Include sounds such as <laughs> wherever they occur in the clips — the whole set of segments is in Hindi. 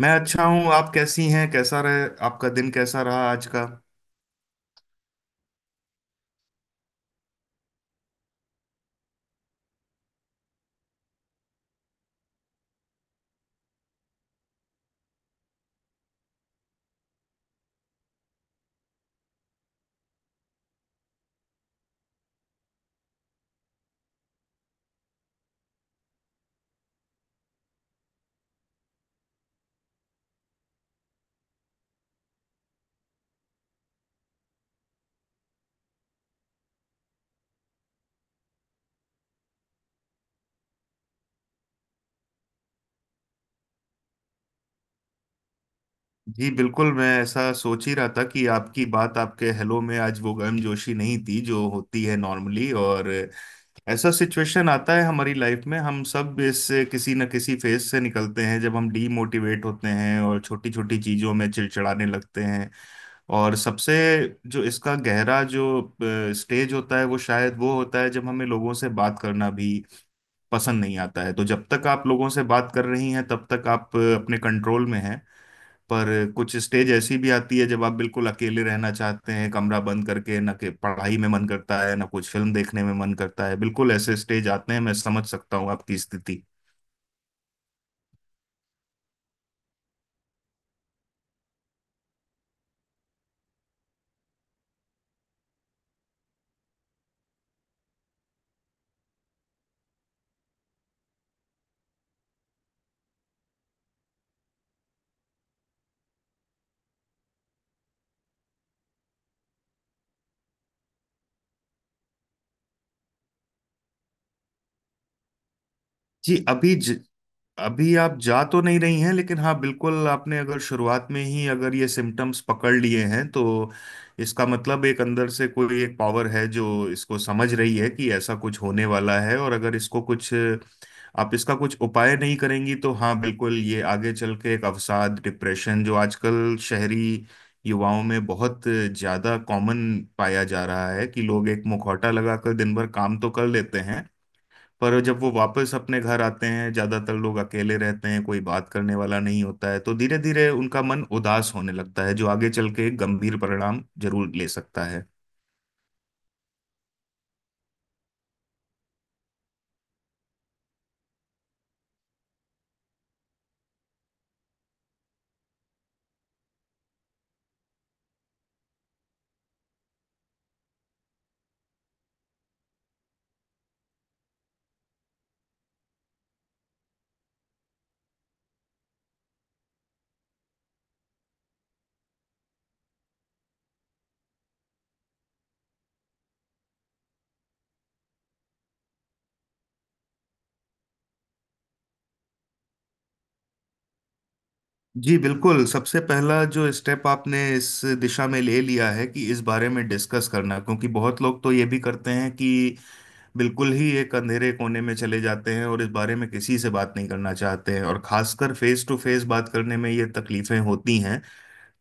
मैं अच्छा हूँ। आप कैसी हैं? कैसा रहे आपका दिन? कैसा रहा आज का? जी बिल्कुल, मैं ऐसा सोच ही रहा था कि आपकी बात, आपके हेलो में आज वो गर्मजोशी नहीं थी जो होती है नॉर्मली। और ऐसा सिचुएशन आता है हमारी लाइफ में, हम सब इस किसी न किसी फेज से निकलते हैं जब हम डीमोटिवेट होते हैं और छोटी छोटी चीजों में चिड़चिड़ाने लगते हैं। और सबसे जो इसका गहरा जो स्टेज होता है, वो शायद वो होता है जब हमें लोगों से बात करना भी पसंद नहीं आता है। तो जब तक आप लोगों से बात कर रही हैं, तब तक आप अपने कंट्रोल में हैं। पर कुछ स्टेज ऐसी भी आती है जब आप बिल्कुल अकेले रहना चाहते हैं, कमरा बंद करके, ना कि पढ़ाई में मन करता है, ना कुछ फिल्म देखने में मन करता है। बिल्कुल ऐसे स्टेज आते हैं, मैं समझ सकता हूँ आपकी स्थिति। जी, अभी आप जा तो नहीं रही हैं, लेकिन हाँ बिल्कुल, आपने अगर शुरुआत में ही अगर ये सिम्टम्स पकड़ लिए हैं, तो इसका मतलब एक अंदर से कोई एक पावर है जो इसको समझ रही है कि ऐसा कुछ होने वाला है। और अगर इसको कुछ आप इसका कुछ उपाय नहीं करेंगी, तो हाँ बिल्कुल ये आगे चल के एक अवसाद, डिप्रेशन, जो आजकल शहरी युवाओं में बहुत ज्यादा कॉमन पाया जा रहा है, कि लोग एक मुखौटा लगाकर दिन भर काम तो कर लेते हैं, पर जब वो वापस अपने घर आते हैं, ज्यादातर लोग अकेले रहते हैं, कोई बात करने वाला नहीं होता है, तो धीरे धीरे उनका मन उदास होने लगता है, जो आगे चल के गंभीर परिणाम जरूर ले सकता है। जी बिल्कुल, सबसे पहला जो स्टेप आपने इस दिशा में ले लिया है कि इस बारे में डिस्कस करना, क्योंकि बहुत लोग तो ये भी करते हैं कि बिल्कुल ही एक अंधेरे कोने में चले जाते हैं और इस बारे में किसी से बात नहीं करना चाहते हैं, और खासकर फेस टू फेस बात करने में ये तकलीफें होती हैं।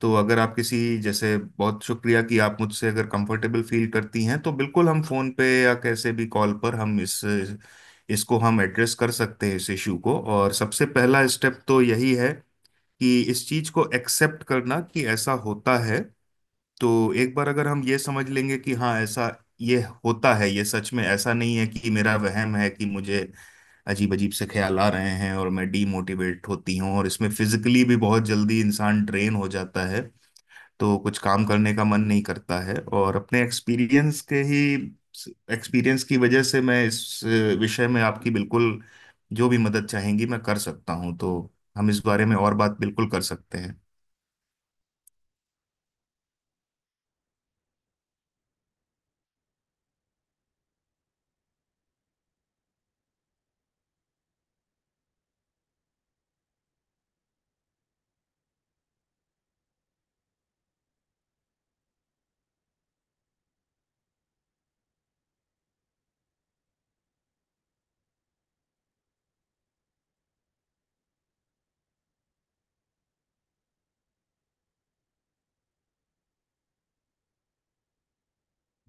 तो अगर आप किसी, जैसे बहुत शुक्रिया कि आप मुझसे अगर कंफर्टेबल फील करती हैं तो बिल्कुल, हम फोन पे या कैसे भी कॉल पर हम इस इसको हम एड्रेस कर सकते हैं, इस इशू को। और सबसे पहला स्टेप तो यही है कि इस चीज को एक्सेप्ट करना कि ऐसा होता है। तो एक बार अगर हम ये समझ लेंगे कि हाँ ऐसा ये होता है, ये सच में ऐसा नहीं है कि मेरा वहम है कि मुझे अजीब अजीब से ख्याल आ रहे हैं, और मैं डीमोटिवेट होती हूँ, और इसमें फिजिकली भी बहुत जल्दी इंसान ड्रेन हो जाता है, तो कुछ काम करने का मन नहीं करता है। और अपने एक्सपीरियंस के ही एक्सपीरियंस की वजह से मैं इस विषय में आपकी बिल्कुल जो भी मदद चाहेंगी मैं कर सकता हूँ। तो हम इस बारे में और बात बिल्कुल कर सकते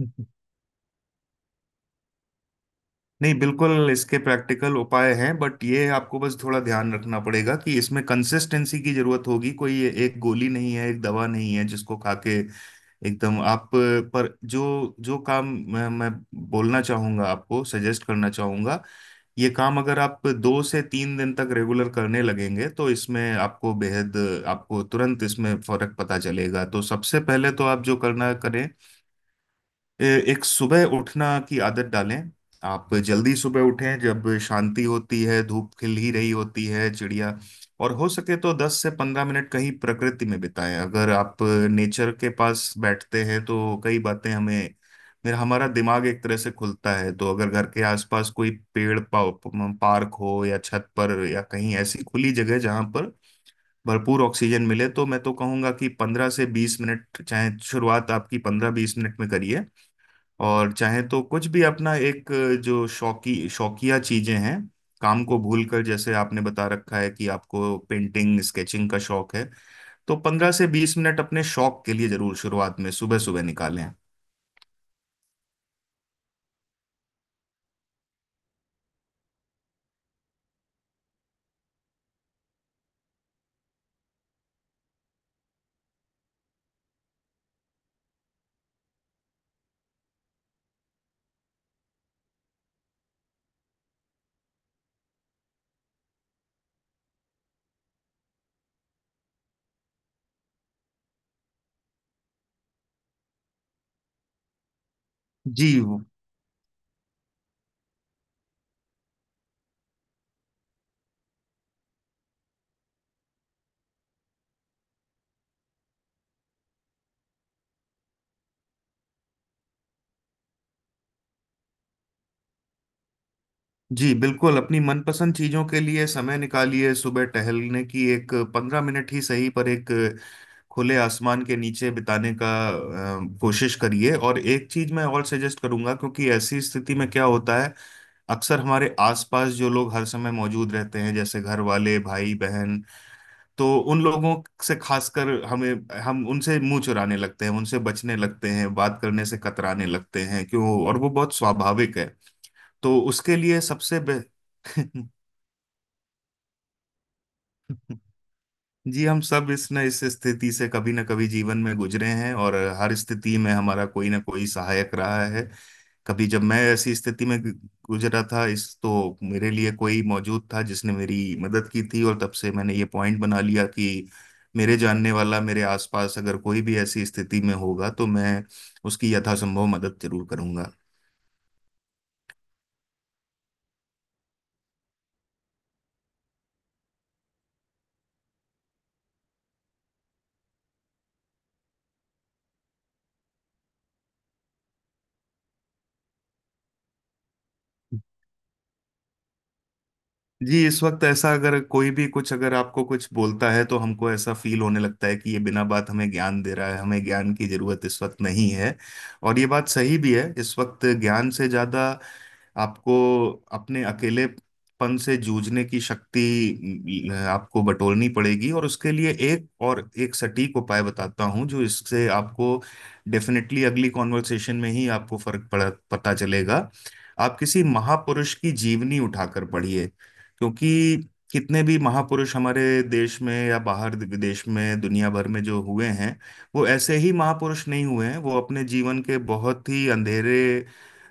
हैं। नहीं बिल्कुल, इसके प्रैक्टिकल उपाय हैं, बट ये आपको बस थोड़ा ध्यान रखना पड़ेगा कि इसमें कंसिस्टेंसी की जरूरत होगी। कोई ये एक गोली नहीं है, एक दवा नहीं है जिसको खा के एकदम आप पर जो जो काम मैं बोलना चाहूंगा, आपको सजेस्ट करना चाहूंगा, ये काम अगर आप 2 से 3 दिन तक रेगुलर करने लगेंगे तो इसमें आपको बेहद, आपको तुरंत इसमें फर्क पता चलेगा। तो सबसे पहले तो आप जो करना करें, एक सुबह उठना की आदत डालें। आप जल्दी सुबह उठें जब शांति होती है, धूप खिल ही रही होती है, चिड़िया। और हो सके तो 10 से 15 मिनट कहीं प्रकृति में बिताएं। अगर आप नेचर के पास बैठते हैं तो कई बातें हमें, मेरा हमारा दिमाग एक तरह से खुलता है। तो अगर घर के आसपास कोई पेड़, पार्क हो या छत पर या कहीं ऐसी खुली जगह जहां पर भरपूर ऑक्सीजन मिले, तो मैं तो कहूंगा कि 15 से 20 मिनट, चाहे शुरुआत आपकी 15 20 मिनट में करिए। और चाहे तो कुछ भी अपना एक जो शौकी शौकिया चीजें हैं, काम को भूलकर, जैसे आपने बता रखा है कि आपको पेंटिंग स्केचिंग का शौक है, तो 15 से 20 मिनट अपने शौक के लिए जरूर शुरुआत में सुबह सुबह निकालें। जी वो- जी बिल्कुल, अपनी मनपसंद चीजों के लिए समय निकालिए। सुबह टहलने की एक 15 मिनट ही सही, पर एक खुले आसमान के नीचे बिताने का कोशिश करिए। और एक चीज मैं और सजेस्ट करूंगा, क्योंकि ऐसी स्थिति में क्या होता है, अक्सर हमारे आसपास जो लोग हर समय मौजूद रहते हैं, जैसे घर वाले, भाई बहन, तो उन लोगों से खासकर हमें, हम उनसे मुंह चुराने लगते हैं, उनसे बचने लगते हैं, बात करने से कतराने लगते हैं, क्यों? और वो बहुत स्वाभाविक है। तो उसके लिए सबसे <laughs> जी, हम सब इस न इस स्थिति से कभी न कभी जीवन में गुजरे हैं, और हर स्थिति में हमारा कोई ना कोई सहायक रहा है। कभी जब मैं ऐसी स्थिति में गुजरा था इस, तो मेरे लिए कोई मौजूद था जिसने मेरी मदद की थी, और तब से मैंने ये पॉइंट बना लिया कि मेरे जानने वाला मेरे आसपास अगर कोई भी ऐसी स्थिति में होगा, तो मैं उसकी यथासंभव मदद जरूर करूंगा। जी, इस वक्त ऐसा अगर कोई भी कुछ अगर आपको कुछ बोलता है, तो हमको ऐसा फील होने लगता है कि ये बिना बात हमें ज्ञान दे रहा है, हमें ज्ञान की जरूरत इस वक्त नहीं है। और ये बात सही भी है, इस वक्त ज्ञान से ज्यादा आपको अपने अकेलेपन से जूझने की शक्ति आपको बटोरनी पड़ेगी। और उसके लिए एक और एक सटीक उपाय बताता हूँ, जो इससे आपको डेफिनेटली अगली कॉन्वर्सेशन में ही आपको फर्क पड़ा पता चलेगा। आप किसी महापुरुष की जीवनी उठाकर पढ़िए, क्योंकि कितने भी महापुरुष हमारे देश में या बाहर विदेश में दुनिया भर में जो हुए हैं, वो ऐसे ही महापुरुष नहीं हुए हैं। वो अपने जीवन के बहुत ही अंधेरे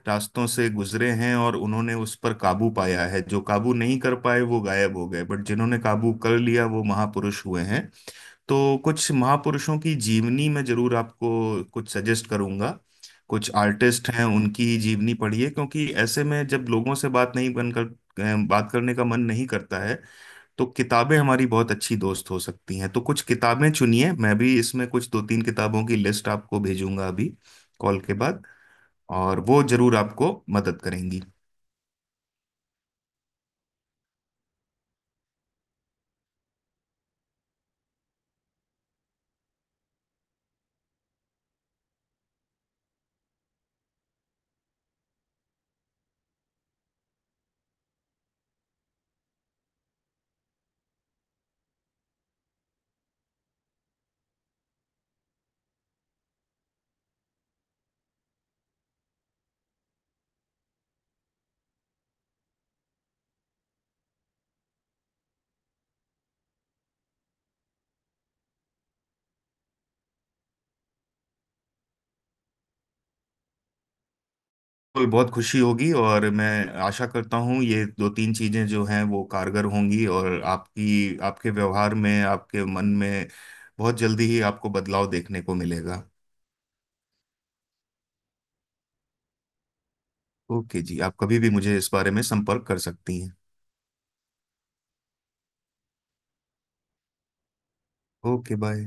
रास्तों से गुजरे हैं और उन्होंने उस पर काबू पाया है। जो काबू नहीं कर पाए वो गायब हो गए, बट जिन्होंने काबू कर लिया वो महापुरुष हुए हैं। तो कुछ महापुरुषों की जीवनी मैं जरूर आपको कुछ सजेस्ट करूंगा। कुछ आर्टिस्ट हैं, उनकी जीवनी पढ़िए, क्योंकि ऐसे में जब लोगों से बात नहीं बनकर बात करने का मन नहीं करता है, तो किताबें हमारी बहुत अच्छी दोस्त हो सकती हैं। तो कुछ किताबें चुनिए, मैं भी इसमें कुछ दो तीन किताबों की लिस्ट आपको भेजूंगा अभी कॉल के बाद, और वो जरूर आपको मदद करेंगी। बिल्कुल, बहुत खुशी होगी। और मैं आशा करता हूँ ये दो तीन चीजें जो हैं वो कारगर होंगी, और आपकी आपके व्यवहार में, आपके मन में बहुत जल्दी ही आपको बदलाव देखने को मिलेगा। ओके जी, आप कभी भी मुझे इस बारे में संपर्क कर सकती हैं। Okay, bye.